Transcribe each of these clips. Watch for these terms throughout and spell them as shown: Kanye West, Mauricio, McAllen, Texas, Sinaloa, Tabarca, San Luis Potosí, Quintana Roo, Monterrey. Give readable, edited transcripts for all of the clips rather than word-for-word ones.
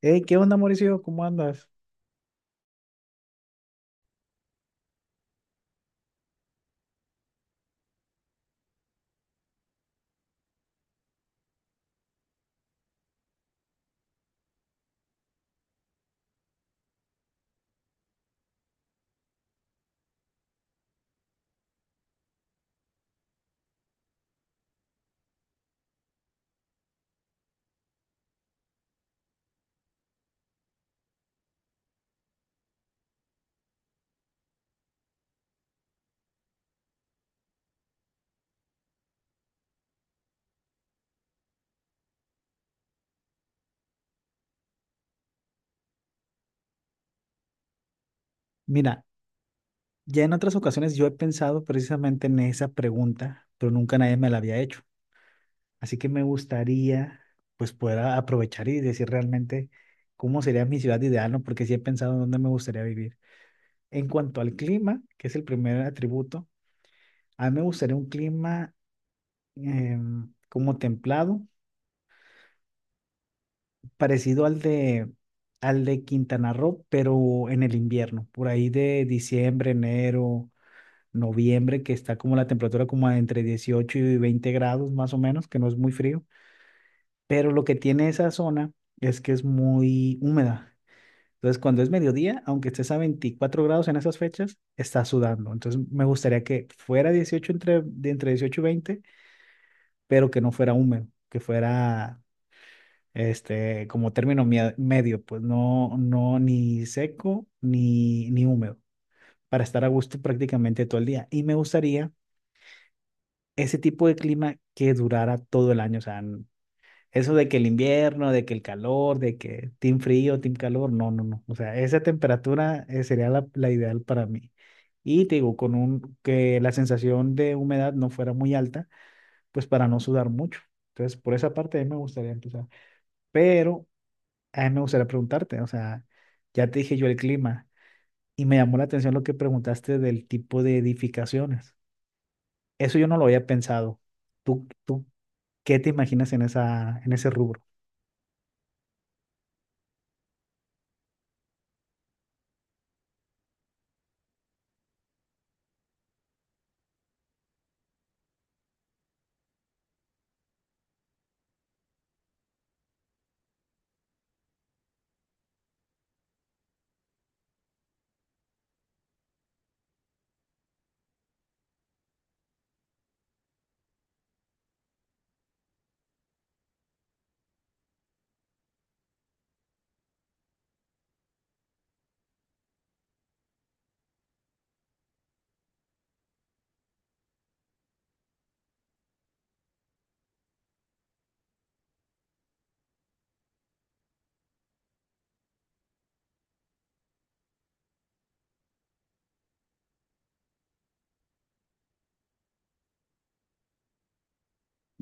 Hey, ¿qué onda, Mauricio? ¿Cómo andas? Mira, ya en otras ocasiones yo he pensado precisamente en esa pregunta, pero nunca nadie me la había hecho. Así que me gustaría, pues, poder aprovechar y decir realmente cómo sería mi ciudad ideal, ¿no? Porque sí he pensado en dónde me gustaría vivir. En cuanto al clima, que es el primer atributo, a mí me gustaría un clima como templado, parecido al de Quintana Roo, pero en el invierno, por ahí de diciembre, enero noviembre, que está como la temperatura como a entre 18 y 20 grados más o menos, que no es muy frío, pero lo que tiene esa zona es que es muy húmeda. Entonces, cuando es mediodía, aunque estés a 24 grados en esas fechas, estás sudando. Entonces, me gustaría que fuera 18 entre 18 y 20, pero que no fuera húmedo, que fuera este como término medio, pues no ni seco ni húmedo, para estar a gusto prácticamente todo el día. Y me gustaría ese tipo de clima que durara todo el año. O sea, eso de que el invierno, de que el calor, de que team frío, team calor, no, no, no. O sea, esa temperatura sería la ideal para mí. Y te digo, que la sensación de humedad no fuera muy alta, pues para no sudar mucho. Entonces, por esa parte a mí me gustaría empezar. Pero a mí me gustaría preguntarte, o sea, ya te dije yo el clima y me llamó la atención lo que preguntaste del tipo de edificaciones. Eso yo no lo había pensado. ¿Tú ¿Qué te imaginas en en ese rubro?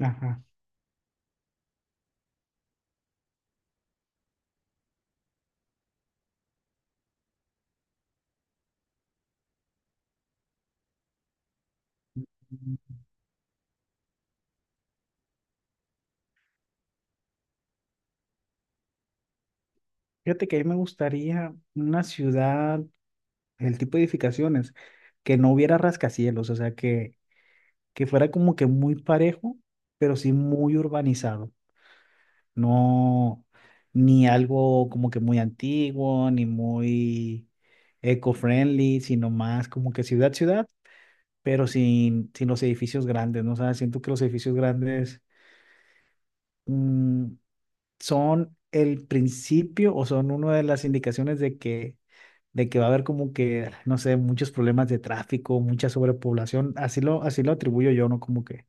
Ajá. Fíjate que a mí me gustaría una ciudad, el tipo de edificaciones, que no hubiera rascacielos, o sea, que fuera como que muy parejo, pero sí muy urbanizado. No, ni algo como que muy antiguo, ni muy eco-friendly, sino más como que ciudad-ciudad, pero sin los edificios grandes, ¿no? O sea, siento que los edificios grandes, mm, son el principio o son una de las indicaciones de que va a haber como que, no sé, muchos problemas de tráfico, mucha sobrepoblación. Así así lo atribuyo yo, ¿no? Como que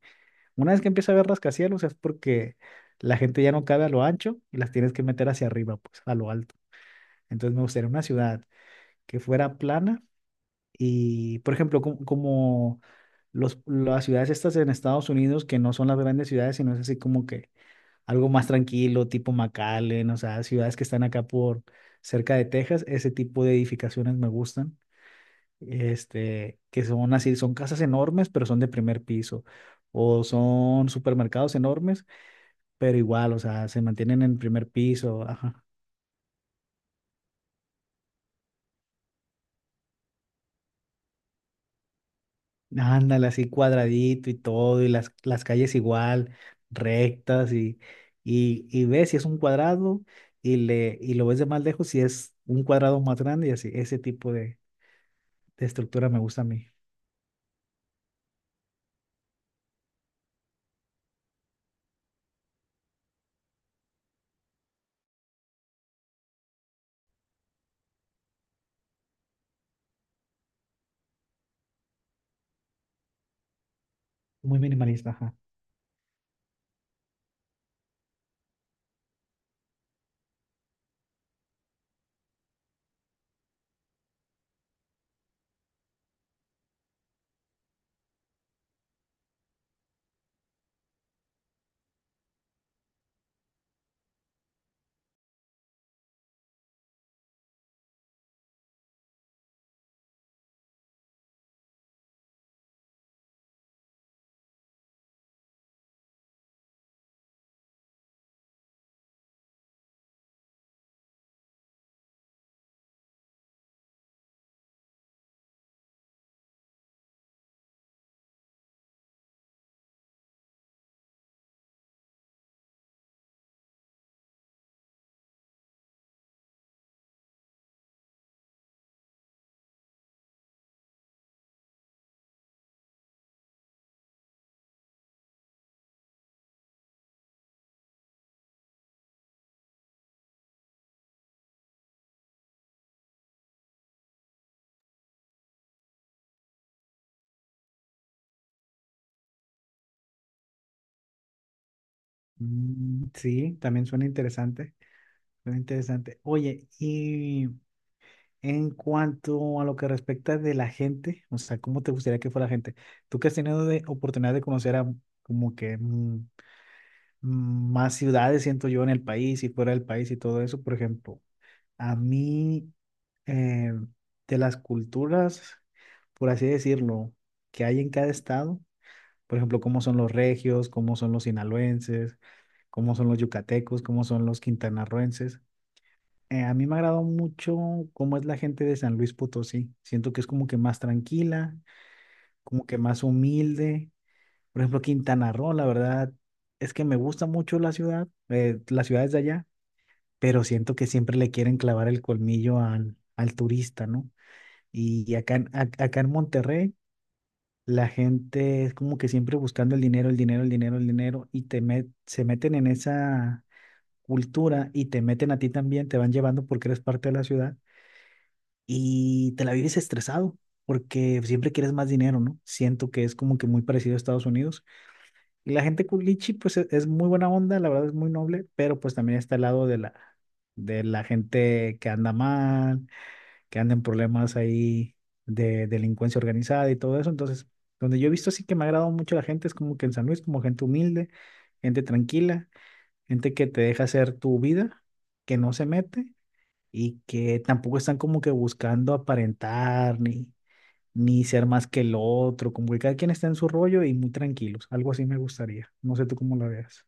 una vez que empieza a haber rascacielos es porque la gente ya no cabe a lo ancho y las tienes que meter hacia arriba, pues, a lo alto. Entonces me gustaría una ciudad que fuera plana y, por ejemplo, como las ciudades estas en Estados Unidos, que no son las grandes ciudades, sino es así como que algo más tranquilo, tipo McAllen, o sea, ciudades que están acá por cerca de Texas, ese tipo de edificaciones me gustan, este, que son así, son casas enormes, pero son de primer piso, o son supermercados enormes, pero igual, o sea, se mantienen en primer piso, ajá. Ándale, así cuadradito y todo, y las calles igual, rectas, y ves si es un cuadrado, y, le, y lo ves de más lejos si es un cuadrado más grande, y así, ese tipo de estructura me gusta a mí. Muy minimalista, ajá. Mm, sí, también suena interesante. Suena interesante. Oye, y en cuanto a lo que respecta de la gente, o sea, ¿cómo te gustaría que fuera la gente? Tú que has tenido de oportunidad de conocer a como que más ciudades, siento yo, en el país y fuera del país y todo eso, por ejemplo, a mí, eh, de las culturas, por así decirlo, que hay en cada estado. Por ejemplo, cómo son los regios, cómo son los sinaloenses, cómo son los yucatecos, cómo son los quintanarroenses. A mí me ha agradado mucho cómo es la gente de San Luis Potosí. Siento que es como que más tranquila, como que más humilde. Por ejemplo, Quintana Roo, la verdad, es que me gusta mucho la ciudad, las ciudades de allá, pero siento que siempre le quieren clavar el colmillo al turista, ¿no? Y acá, acá en Monterrey, la gente es como que siempre buscando el dinero, el dinero, el dinero, el dinero, y se meten en esa cultura y te meten a ti también, te van llevando porque eres parte de la ciudad y te la vives estresado porque siempre quieres más dinero, ¿no? Siento que es como que muy parecido a Estados Unidos. Y la gente culichi, pues es muy buena onda, la verdad es muy noble, pero pues también está el lado de de la gente que anda mal, que andan en problemas ahí de delincuencia organizada y todo eso. Entonces, donde yo he visto así que me ha agradado mucho la gente es como que en San Luis, como gente humilde, gente tranquila, gente que te deja hacer tu vida, que no se mete y que tampoco están como que buscando aparentar ni ser más que el otro, como que cada quien está en su rollo y muy tranquilos. Algo así me gustaría. No sé tú cómo lo veas.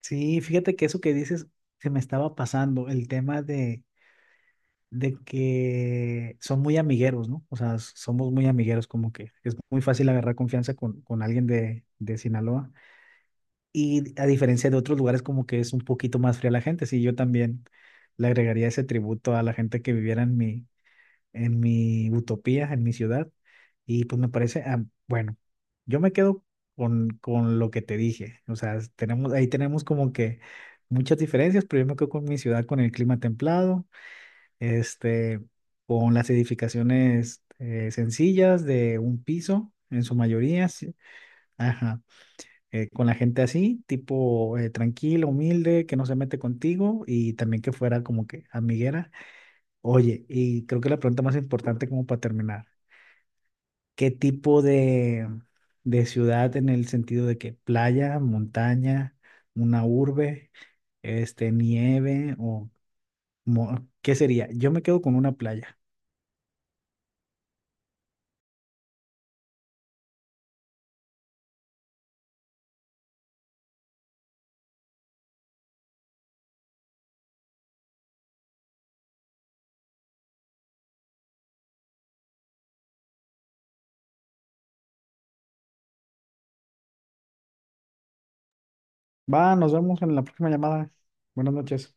Sí, fíjate que eso que dices se me estaba pasando, el tema de que son muy amigueros, ¿no? O sea, somos muy amigueros, como que es muy fácil agarrar confianza con alguien de Sinaloa. Y a diferencia de otros lugares, como que es un poquito más fría la gente. Sí, yo también le agregaría ese tributo a la gente que viviera en mi utopía, en mi ciudad. Y pues me parece, ah, bueno, yo me quedo con lo que te dije. O sea, tenemos, ahí tenemos como que muchas diferencias, pero yo me quedo con mi ciudad, con el clima templado este, con las edificaciones sencillas de un piso, en su mayoría, sí, ajá, con la gente así, tipo tranquila, humilde, que no se mete contigo y también que fuera como que amiguera. Oye, y creo que la pregunta más importante como para terminar, ¿qué tipo de ciudad en el sentido de que playa, montaña, una urbe, este, nieve o qué sería? Yo me quedo con una playa. Va, nos vemos en la próxima llamada. Buenas noches.